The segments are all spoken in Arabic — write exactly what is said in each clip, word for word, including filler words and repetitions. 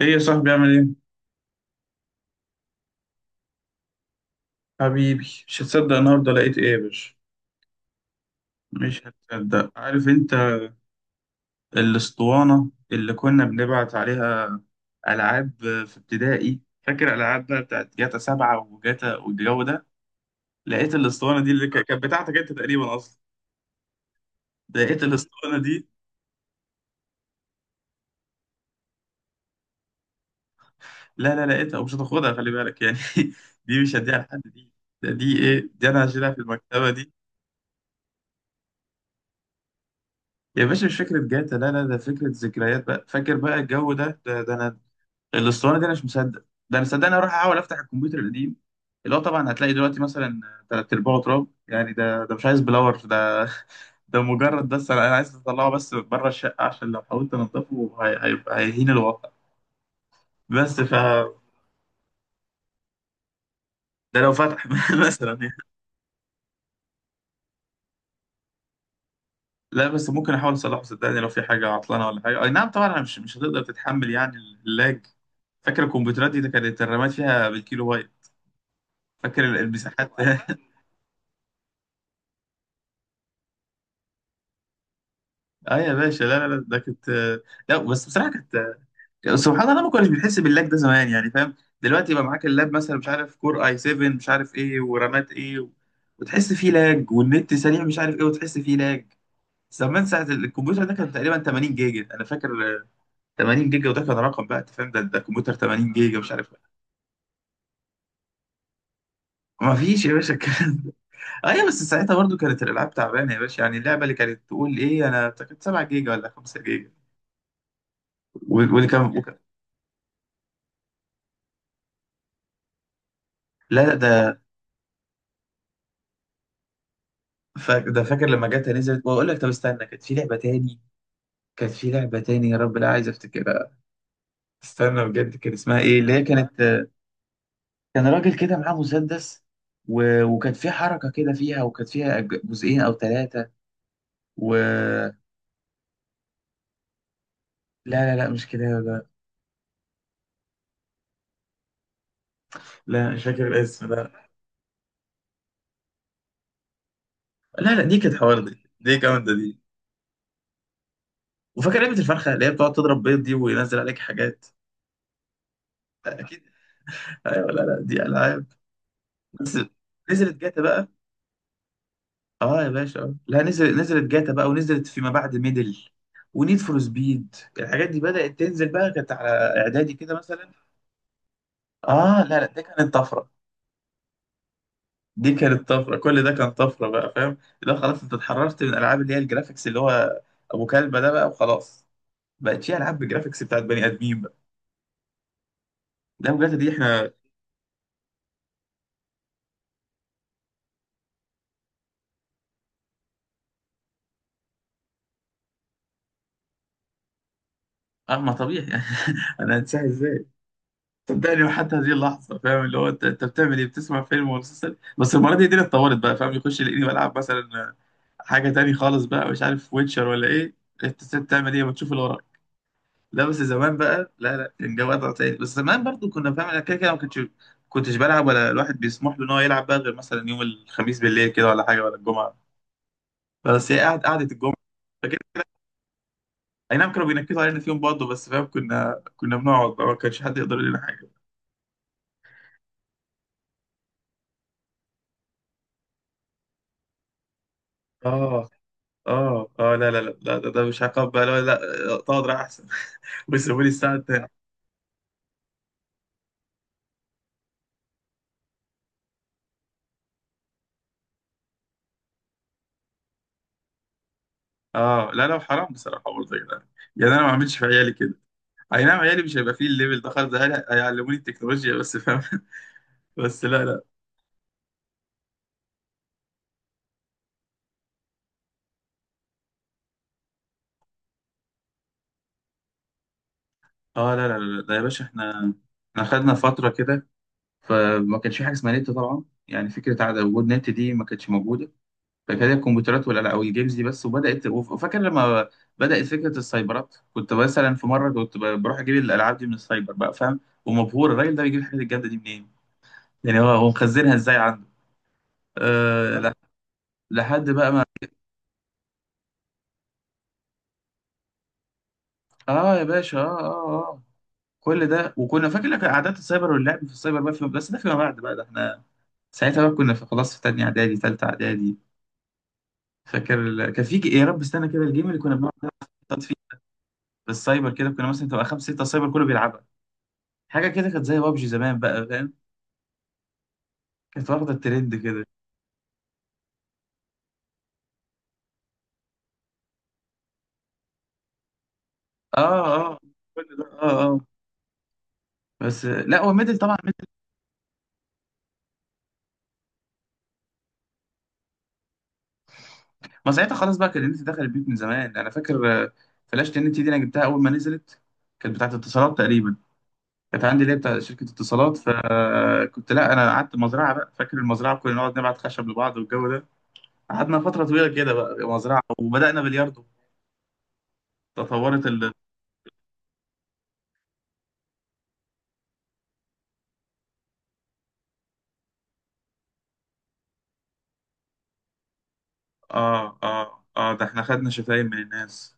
ايه يا صاحبي عامل ايه؟ حبيبي، مش هتصدق النهارده لقيت ايه يا باشا. مش هتصدق، عارف انت. الاسطوانة اللي كنا بنبعت عليها ألعاب في ابتدائي، فاكر الألعاب بقى بتاعت جاتا سبعة وجاتا والجو ده. لقيت الاسطوانة دي اللي ك- كانت بتاعتك انت تقريبا أصلا. لقيت الاسطوانة دي. لا لا لقيتها، ومش هتاخدها خلي بالك يعني. دي مش هديها لحد دي. ده دي ايه دي، أنا هشيلها في المكتبة دي. يا باشا مش فكرة جاتا، لا لا، ده فكرة ذكريات بقى، فاكر بقى الجو ده، ده, ده أنا. الاسطوانه دي انا مش مصدق، ده انا صدقني اروح احاول افتح الكمبيوتر القديم، اللي هو طبعا هتلاقي دلوقتي مثلا تلات ارباعه تراب يعني. ده ده مش عايز بلور ده، ده مجرد، بس انا أنا عايز اطلعه بس بره الشقه، عشان لو حاولت انضفه هي- هيبقى هيهين الواقع. بس ف، ده لو فتح مثلا يعني. لا بس ممكن احاول اصلحه صدقني، لو في حاجه عطلانه ولا حاجه اي نعم طبعا، أنا مش مش هتقدر تتحمل يعني اللاج. فاكر الكمبيوترات دي كانت الرامات فيها بالكيلو بايت، فاكر المساحات. اه يا باشا، لا لا لا ده كانت، لا بس بصراحه كانت، يعني سبحان الله ما كناش بنحس باللاج ده زمان يعني، فاهم؟ دلوقتي يبقى معاك اللاب مثلا، مش عارف كور اي سبعة مش عارف ايه ورامات ايه و... وتحس فيه لاج، والنت سريع مش عارف ايه وتحس فيه لاج. زمان ساعة الكمبيوتر ده كان تقريبا تمانين جيجا انا فاكر. آه، تمانين جيجا، وده كان رقم بقى انت فاهم، ده ده كمبيوتر تمانين جيجا مش عارف إيه. ما فيش يا باشا الكلام ده. ايوه، بس ساعتها برضو كانت الالعاب تعبانه يا باشا، يعني اللعبه اللي كانت تقول ايه انا كانت سبع جيجا ولا خمسة جيجا، وال- واللي كان وكان- لا لا ده، فا- ده فاكر لما جاتها نزلت، واقول لك طب استنى، كانت في لعبه تاني. كانت في لعبة تاني يا رب، لا عايز افتكرها، استنى بجد كان اسمها ايه اللي هي كانت. كان راجل كده معاه مسدس و... وكانت في حركة كده فيها، وكانت فيها أج- جزئين او ثلاثة و، لا لا لا مش كده لا. لا مش فاكر الاسم لا. لا لا دي كانت حوار دي، دي جامدة دي. وفاكر لعبة الفرخة اللي هي بتقعد تضرب بيض دي، وينزل عليك حاجات. اكيد. ايوه، لا لا دي العاب. بس نزلت جاتا بقى، اه يا باشا. آه. لا نزل، نزلت جاتا بقى، ونزلت فيما بعد ميدل ونيد فور سبيد، الحاجات دي بدأت تنزل بقى، كانت على اعدادي كده مثلا. اه لا لا دي كانت طفرة، دي كانت طفرة، كل ده كان طفرة بقى فاهم؟ لا خلاص انت اتحررت من العاب اللي هي الجرافيكس اللي هو ابو كلبة ده بقى، وخلاص بقت في العاب بالجرافيكس بتاعت بني ادمين بقى. لا بجد دي احنا. اه ما طبيعي. انا هنساها ازاي؟ صدقني وحتى هذه اللحظه فاهم اللي هو، انت انت بتعمل ايه، بتسمع فيلم ولا مسلسل. بس المره دي الدنيا اتطورت بقى، فاهم يخش يلاقيني بلعب مثلا حاجه تاني خالص بقى، مش عارف ويتشر ولا ايه. انت ست بتعمل ايه وتشوف اللي وراك. لا بس زمان بقى لا لا، كان جو وضع تاني. بس زمان برضو كنا فاهم انا كده كده ما كنتش كنتش بلعب، ولا الواحد بيسمح له ان هو يلعب بقى، غير مثلا يوم الخميس بالليل كده ولا حاجه، ولا الجمعه. بس هي قعد قعده الجمعه فكده. اي نعم كانوا بينكدوا علينا فيهم برضه، بس فاهم كنا كنا بنقعد بقى، ما كانش حد يقدر يقول لنا حاجه. اه اه اه لا لا لا لا، ده, ده مش عقاب بقى لا لا. اقعد راح احسن. ويسيبوا لي الساعه التانية. اه لا لا حرام بصراحه برضه يا جدعان. يعني انا ما اعملش في عيالي كده. اي نعم عيالي مش هيبقى فيه الليفل ده خالص، ده عيالي هيعلموني التكنولوجيا بس فاهم. بس لا لا. اه لا لا لا ده يا باشا احنا، احنا خدنا فتره كده فما كانش في حاجه اسمها نت طبعا، يعني فكره عدم وجود نت دي ما كانتش موجوده. كانت هي الكمبيوترات ولا لا، او الجيمز دي بس. وبدات وف- وفاكر لما بدات فكره السايبرات، كنت مثلا في مره كنت ب- بروح اجيب الالعاب دي من السايبر بقى فاهم. ومبهور الراجل ده بيجيب الحاجات الجامده دي منين، يعني هو هو مخزنها ازاي عنده. أه لا لح- لحد بقى ما، اه يا باشا اه اه اه. آه. كل ده، وكنا فاكر لك قعدات السايبر واللعب في السايبر بقى في، بس ده فيما بعد بقى، ده احنا ساعتها بقى كنا في خلاص في تانية اعدادي تالتة اعدادي. فاكر ال- كان في ج- يا رب استنى كده الجيم اللي كنا بنقعد نلعب فيه في السايبر كده، كنا مثلا تبقى خمسة ستة سايبر كله بيلعبها. حاجه كده كانت زي بابجي زمان بقى فاهم، كانت واخده الترند كده. اه اه، كل ده اه اه. بس لا هو ميدل طبعا ميدل. ما ساعتها خلاص بقى كان النت دخل البيوت من زمان انا فاكر. آه، فلاشة النت دي انا جبتها اول ما نزلت، كانت بتاعت اتصالات تقريبا، كانت عندي اللي هي بتاع شركه اتصالات. فكنت لا، انا قعدت مزرعه بقى، فاكر المزرعه كنا نقعد نبعت خشب لبعض والجو ده. قعدنا فتره طويله كده بقى مزرعه، وبدانا بلياردو. تطورت ال، اه اه اه ده احنا خدنا شتايم من الناس.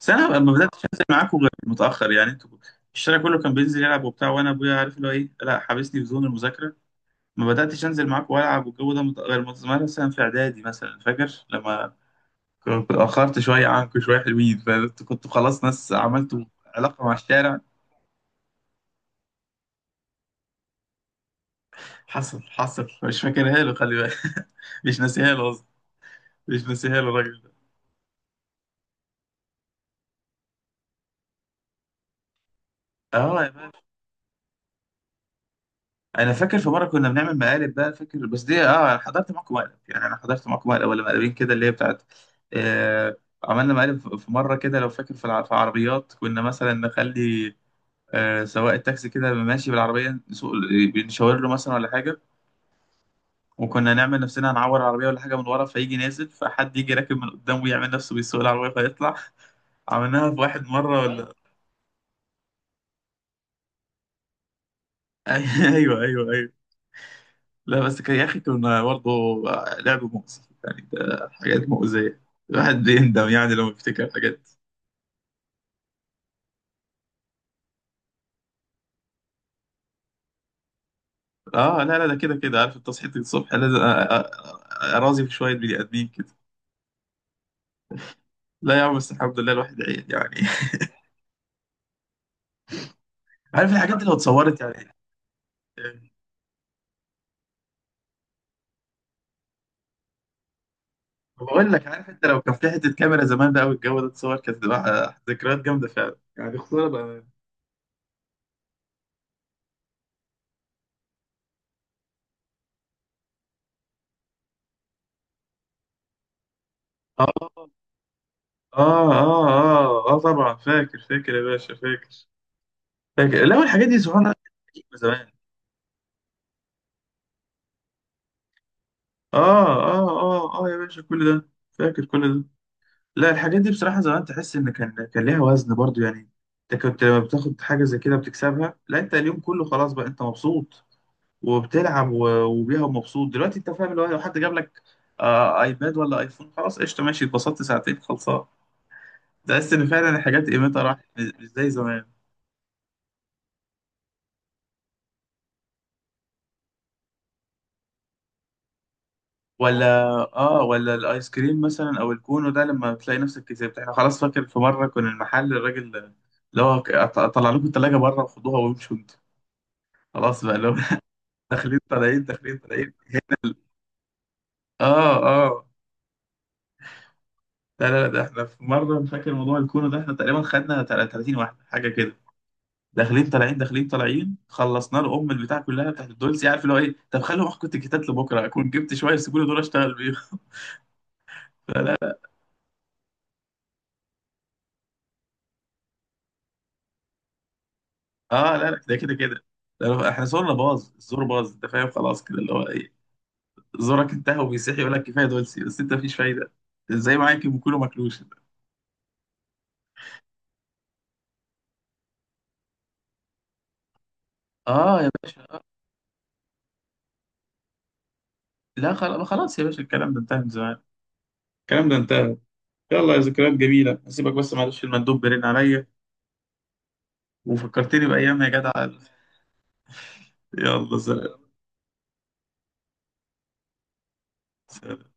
بس انا ما بداتش انزل معاكم غير متاخر يعني، انتوا الشارع كله كان بينزل يلعب وبتاع، وانا ابويا عارف اللي هو ايه، لا حابسني في زون المذاكره. ما بداتش انزل معاكم والعب والجو ده مت- غير مت- مثلا في اعدادي مثلا، فاكر لما كنت اتاخرت شويه عنكم شويه، حلوين فانتوا كنتوا خلاص ناس عملتوا علاقه مع الشارع. حصل حصل مش فاكرها له خلي بالك. مش ناسيها له قصدي، مش ناسيها له الراجل ده. اه يا مان. انا فاكر في مره كنا بنعمل مقالب بقى فاكر، بس دي اه انا حضرت معاكم مقلب يعني، انا حضرت معاكم مقلب ولا مقلبين كده اللي هي بتاعت، آه عملنا مقالب في، في مره كده لو فاكر في الع- في عربيات، كنا مثلا نخلي آه سواق التاكسي كده ماشي بالعربيه نسوق، بنشاور له مثلا ولا حاجه، وكنا نعمل نفسنا هنعور العربيه ولا حاجه من ورا فيجي نازل، فحد يجي راكب من قدام ويعمل نفسه بيسوق العربيه فيطلع. عملناها في واحد مره، ايوه ولا؟ ايوه ايوه ايوه. لا بس كان يا اخي كنا برضه لعب مؤذي يعني، ده حاجات مؤذية، الواحد بيندم يعني لما بيفتكر حاجات. اه لا لا ده كده كده، عارف انت صحيت الصبح لازم أ- أ- اراضي في شوية بني ادمين كده. لا يا عم بس الحمد لله الواحد عيل يعني. عارف الحاجات دي لو اتصورت يعني. آه، بقول لك، عارف انت، لو كان في حتة كاميرا زمان بقى والجو ده اتصور، كانت تبقى ذكريات جامدة فعلا يعني، خسارة بقى. اه اه اه اه اه طبعا فاكر فاكر يا باشا فاكر. فاكر لا، والحاجات دي سبحان الله كانت قديمة زمان. اه اه اه اه يا باشا كل ده فاكر كل ده. لا الحاجات دي بصراحة زمان تحس ان كان كان ليها وزن برضو يعني، انت كنت لما بتاخد حاجة زي كده بتكسبها. لا انت اليوم كله خلاص بقى انت مبسوط، وبتلعب و- وبيها ومبسوط. دلوقتي انت فاهم اللي هو لو حد جاب لك آه ايباد ولا ايفون، خلاص قشطة ماشي اتبسطت ساعتين خلصان. تحس ان فعلا الحاجات قيمتها راحت، مش مش زي زمان. ولا اه، ولا الايس كريم مثلا او الكونو ده لما تلاقي نفسك كسبت، احنا خلاص فاكر في مره كنا المحل، الراجل اللي هو ك- أط- طلع لكم الثلاجه بره وخدوها وامشوا انتوا خلاص بقى اللي هو، داخلين طالعين داخلين طالعين. اه اه لا لا لا، ده احنا في مره أنا فاكر موضوع الكونو ده، احنا تقريبا خدنا تل- تلاتين واحده حاجه كده. داخلين طالعين داخلين طالعين، خلصنا له ام البتاع كلها بتاعت الدولسي عارف اللي هو ايه، طب خلوا اخد الكتاب لبكره اكون جبت شويه، سيبوا لي دول اشتغل بيه. اه لا لا ده كده كده، ده لو- احنا زورنا باظ، الزور باظ انت فاهم خلاص كده اللي هو ايه، زورك انتهى وبيصيح يقول لك كفايه دولسي، بس انت مفيش فايده زي معاك، كله ماكلوش. اه يا باشا. آه. لا خلاص خلاص يا باشا الكلام ده انتهى من زمان، الكلام ده انتهى. يلا يا ذكريات جميله هسيبك، بس معلش المندوب بيرن عليا. وفكرتني بايام يا جدع. يلا سلام.